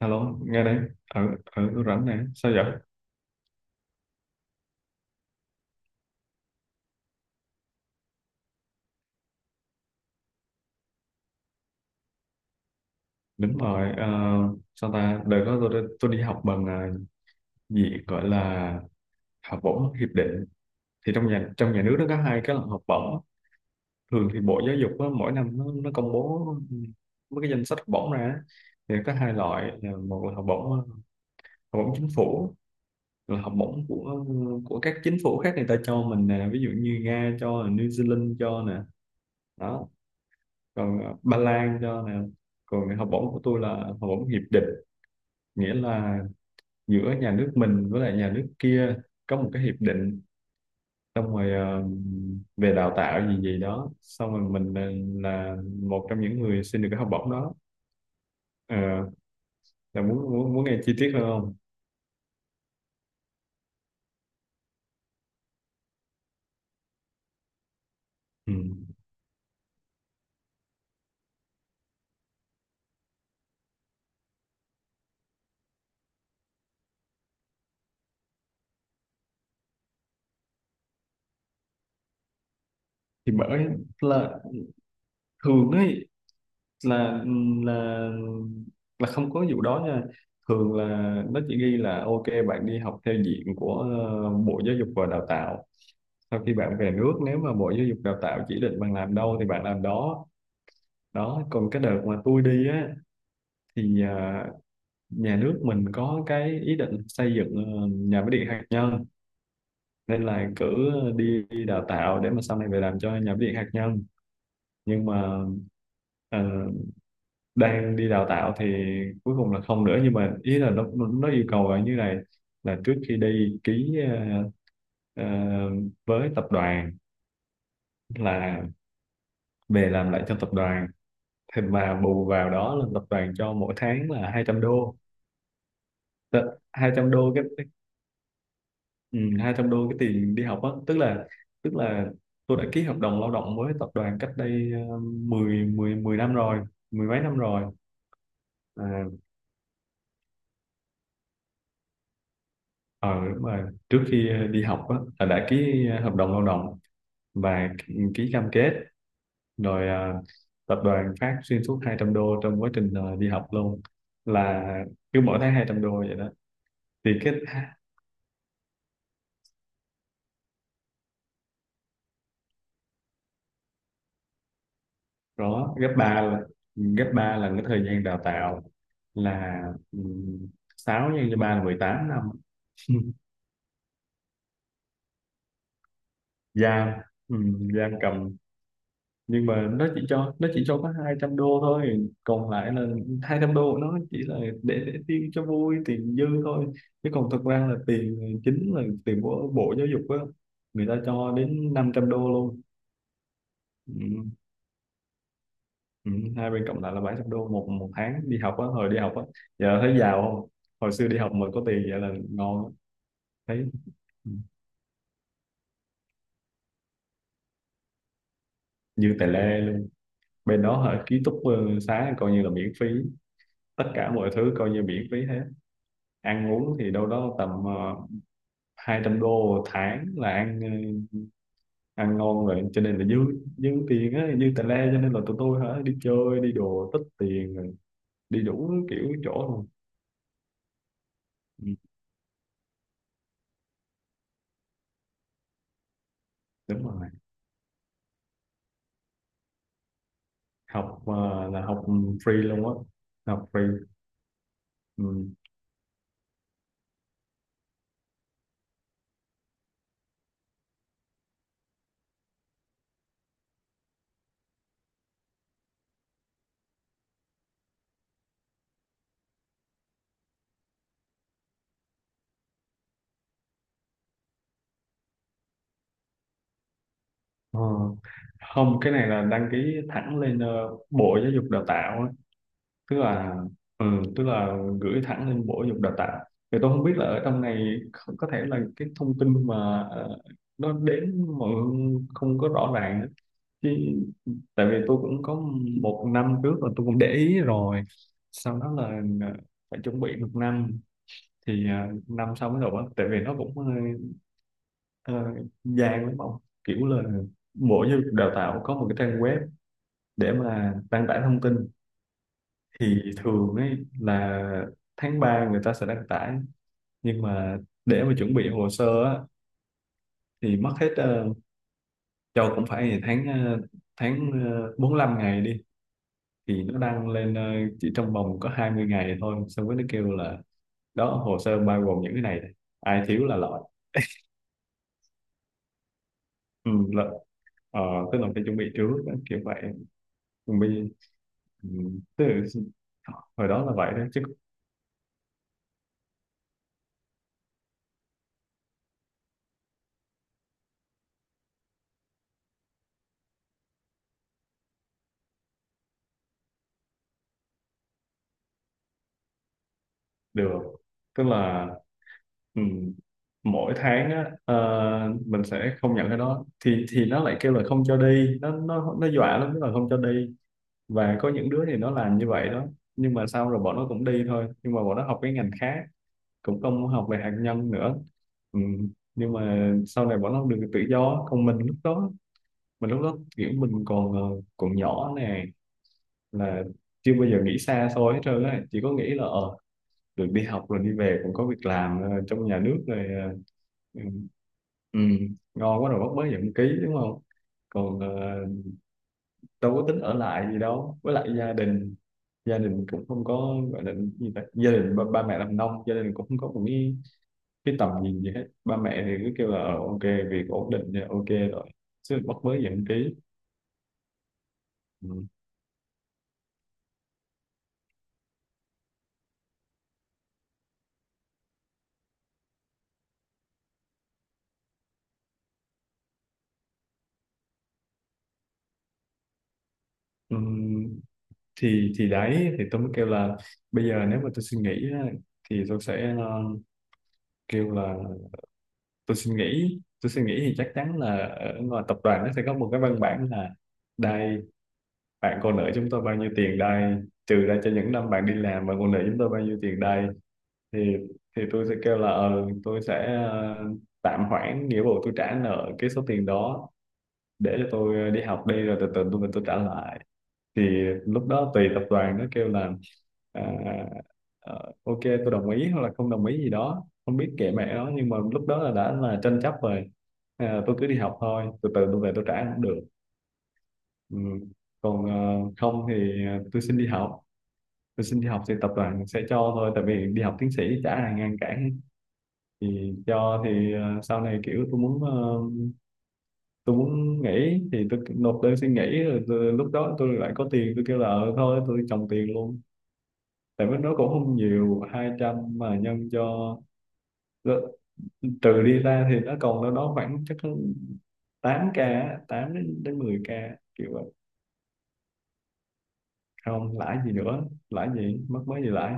Alo, nghe đây, ở ở tôi rảnh nè, sao vậy? Đúng rồi, sao ta? Đợt đó tôi đi học bằng gì gọi là học bổng hiệp định. Thì trong nhà nước nó có hai cái là học bổng. Thường thì Bộ Giáo dục á, mỗi năm nó công bố mấy cái danh sách học bổng ra. Thì có hai loại, là một là học bổng chính phủ, là học bổng của các chính phủ khác người ta cho mình nè, ví dụ như Nga cho, New Zealand cho nè. Đó, còn Ba Lan cho nè, còn học bổng của tôi là học bổng hiệp định, nghĩa là giữa nhà nước mình với lại nhà nước kia có một cái hiệp định, xong rồi về đào tạo gì gì đó, xong rồi mình là một trong những người xin được cái học bổng đó. Ờ, là muốn muốn muốn nghe chi tiết hơn không? Ừ. Thì bởi là thường ấy là ừ, là là không có vụ đó nha. Thường là nó chỉ ghi là ok, bạn đi học theo diện của Bộ Giáo dục và Đào tạo. Sau khi bạn về nước, nếu mà Bộ Giáo dục Đào tạo chỉ định bạn làm đâu thì bạn làm đó. Đó, còn cái đợt mà tôi đi á thì nhà nước mình có cái ý định xây dựng nhà máy điện hạt nhân, nên là cử đi đi đào tạo để mà sau này về làm cho nhà máy điện hạt nhân. Nhưng mà ờ, đang đi đào tạo thì cuối cùng là không nữa. Nhưng mà ý là nó yêu cầu là như này, là trước khi đi ký ờ, ờ, với tập đoàn, là về làm lại cho tập đoàn. Thì mà bù vào đó là tập đoàn cho mỗi tháng là 200 đô. 200 đô cái ừ, 200 đô cái tiền đi học á, tức là, tức là tôi đã ký hợp đồng lao động với tập đoàn cách đây 10 năm rồi, mười mấy năm rồi. À, ờ đúng rồi, trước khi đi học á là đã ký hợp đồng lao động và ký cam kết rồi. Ờ, Tập đoàn phát xuyên suốt 200 đô trong quá trình đi học luôn, là cứ mỗi tháng 200 đô vậy đó. Thì cái đó gấp ba là, cái thời gian đào tạo, là um, 6 nhân cho 3 là 18 năm. Giam, giam cầm. Nhưng mà nó chỉ cho có 200 đô thôi, còn lại là 200 đô của nó chỉ là để tiêu cho vui, tiền dư thôi. Chứ còn thực ra là tiền chính là tiền của Bộ Giáo dục á, người ta cho đến 500 đô luôn. Ừ. Ừ, hai bên cộng lại là 700 đô, một một tháng đi học á, hồi đi học á. Giờ thấy giàu không? Hồi xưa đi học mà có tiền vậy là ngon lắm. Thấy ừ, như tài lê luôn. Bên đó hả, ký túc xá coi như là miễn phí, tất cả mọi thứ coi như miễn phí hết. Ăn uống thì đâu đó tầm 200 đô một tháng là ăn, ăn ngon rồi, cho nên là dư dư tiền á, dư tài lê, cho nên là tụi tôi hả, đi chơi đi đồ tích tiền rồi đi đủ kiểu chỗ luôn. ừ, đúng rồi, học là học, free luôn á, học free. Ừ. Ờ. Không, cái này là đăng ký thẳng lên Bộ Giáo dục Đào tạo á. Tức là ừ, tức là gửi thẳng lên Bộ Giáo dục Đào tạo. Thì tôi không biết là ở trong này có thể là cái thông tin mà nó đến mọi người không có rõ ràng á. Chứ tại vì tôi cũng có một năm trước là tôi cũng để ý rồi. Sau đó là ờ, phải chuẩn bị một năm thì năm sau mới nộp á. Tại vì nó cũng ờ, vàng lắm ông, kiểu là mỗi giáo dục đào tạo có một cái trang web để mà đăng tải thông tin. Thì thường ấy là tháng 3 người ta sẽ đăng tải, nhưng mà để mà chuẩn bị hồ sơ á thì mất hết, cho cũng phải 45 ngày đi. Thì nó đăng lên chỉ trong vòng có 20 ngày thôi, xong rồi nó kêu là đó, hồ sơ bao gồm những cái này, ai thiếu là loại. ừ, là, ờ, tức là phải chuẩn bị trước á, kiểu vậy. Mình ừ, tức là hồi đó là vậy đó chứ. Được, tức là ừ, mỗi tháng á, mình sẽ không nhận cái đó, thì nó lại kêu là không cho đi. Nó dọa lắm, tức là không cho đi. Và có những đứa thì nó làm như vậy đó. Nhưng mà sau rồi bọn nó cũng đi thôi, nhưng mà bọn nó học cái ngành khác, cũng không học về hạt nhân nữa. Ừ. Nhưng mà sau này bọn nó được tự do, còn mình lúc đó, kiểu mình còn nhỏ nè, là chưa bao giờ nghĩ xa xôi hết trơn á, chỉ có nghĩ là được đi học rồi đi về cũng có việc làm trong nhà nước rồi, ừ, ừ, ngon quá rồi, bắt mới nhận ký đúng không? Còn đâu có tính ở lại gì đâu. Với lại gia đình, cũng không có gọi là gì ta, gia đình ba mẹ làm nông, gia đình cũng không có một cái tầm nhìn gì hết. Ba mẹ thì cứ kêu là ok, việc ổn định thì ok rồi, chứ bắt mới nhận ký. Ừ. Ừ. Thì đấy, thì tôi mới kêu là bây giờ nếu mà tôi suy nghĩ á, thì tôi sẽ kêu là, tôi suy nghĩ thì chắc chắn là ở ngoài tập đoàn nó sẽ có một cái văn bản là đây, bạn còn nợ chúng tôi bao nhiêu tiền đây, trừ ra cho những năm bạn đi làm, bạn còn nợ chúng tôi bao nhiêu tiền đây. thì thì tôi sẽ kêu là tôi sẽ tạm hoãn nghĩa vụ tôi trả nợ cái số tiền đó, để cho tôi đi học đi, rồi từ từ tôi trả lại. Thì lúc đó tùy tập đoàn nó kêu là à, ok, tôi đồng ý hoặc là không đồng ý gì đó không biết, kệ mẹ nó. Nhưng mà lúc đó là đã là tranh chấp rồi. Tôi cứ đi học thôi, từ từ tôi về tôi trả cũng được. Ừ. Còn không thì tôi xin đi học thì tập đoàn sẽ cho thôi, tại vì đi học tiến sĩ chả ai ngăn cản. Thì cho, thì sau này kiểu tôi muốn nghỉ thì tôi nộp đơn xin nghỉ. Rồi lúc đó tôi lại có tiền, tôi kêu là ừ, thôi tôi trồng tiền luôn. Tại vì nó cũng không nhiều, 200 mà nhân cho, trừ đi ra thì nó còn đâu đó khoảng chắc 8k á, 8 đến đến 10k, kiểu vậy. Không lãi gì nữa, lãi gì, mất mấy gì lãi.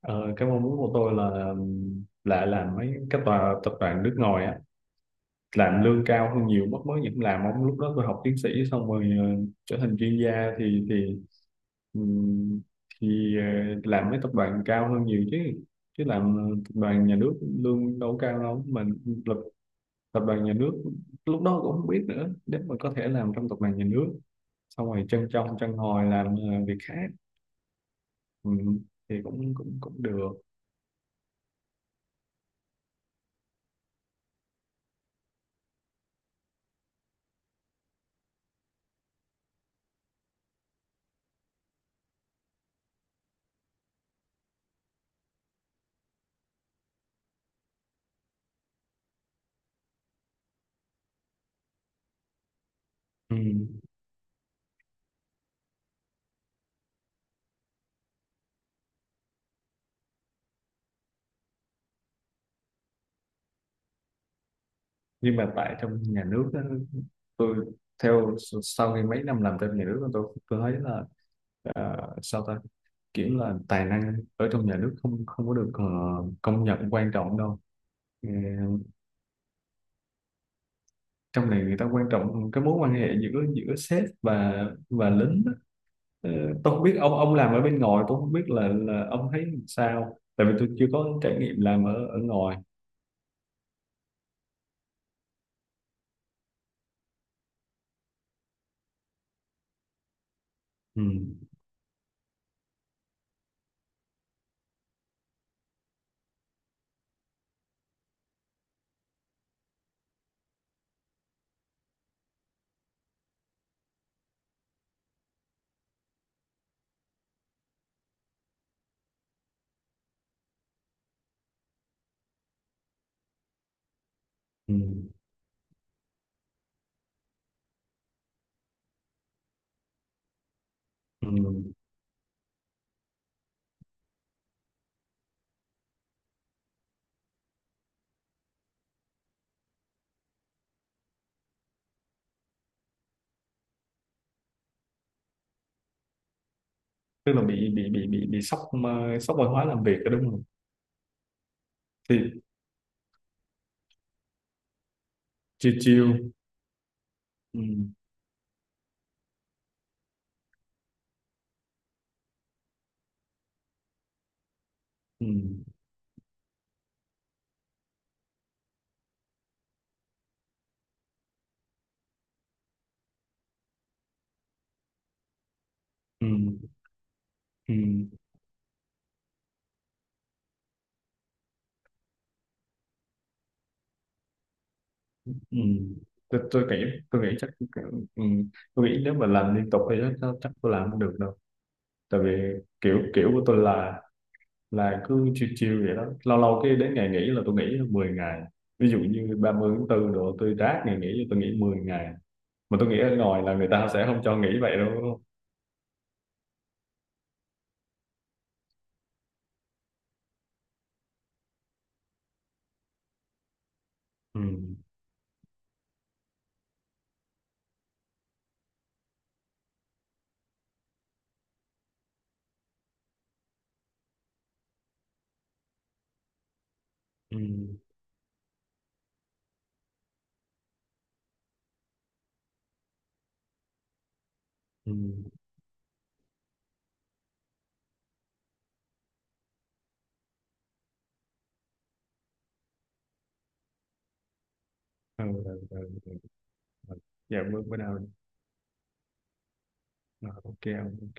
Ờ, cái mong muốn của tôi là làm mấy cái tòa tập đoàn nước ngoài á, làm lương cao hơn nhiều. Mất mới những làm ông, lúc đó tôi học tiến sĩ xong rồi trở thành chuyên gia thì, Ừ, thì ờ, làm mấy tập đoàn cao hơn nhiều chứ chứ làm tập đoàn nhà nước lương đâu có cao đâu mà. Lập tập đoàn nhà nước, lúc đó cũng không biết nữa. Nếu mà có thể làm trong tập đoàn nhà nước xong rồi chân trong chân hồi làm việc khác, ừ, thì cũng cũng cũng được. Ừ. Nhưng mà tại trong nhà nước á, tôi theo, sau khi mấy năm làm trong nhà nước tôi thấy là sao ta, kiểu là tài năng ở trong nhà nước không không có được công nhận quan trọng đâu. Ừ, trong này người ta quan trọng cái mối quan hệ giữa giữa sếp và lính á. Ờ, tôi không biết ông, làm ở bên ngoài, tôi không biết là ông thấy sao, tại vì tôi chưa có trải nghiệm làm ở ở ngoài. Ừ. Ừ. Ừ. Tức là bị sốc, sốc văn hóa làm việc đó đúng không? Thì chiêu chiêu, ừ, ừ, ừ, ừ, ừ. Tôi nghĩ chắc, ừ, tôi nghĩ nếu mà làm liên tục thì chắc chắc chắc tôi làm không được đâu. Tại vì kiểu, của tôi là, cứ chiêu chiêu vậy đó. Lâu lâu cái đến ngày nghỉ là tôi nghỉ 10 ngày, ví dụ như ba mươi tháng 4 độ tôi rác ngày nghỉ tôi nghỉ 10 ngày. Mà tôi nghĩ ở ngoài là người ta sẽ không cho nghỉ vậy đâu đúng không? Ừ. Ừ. Ừ. Ừ. Ừ. Ừ. Ừ. Dạ, bữa bữa nào. Ờ, ok, ok.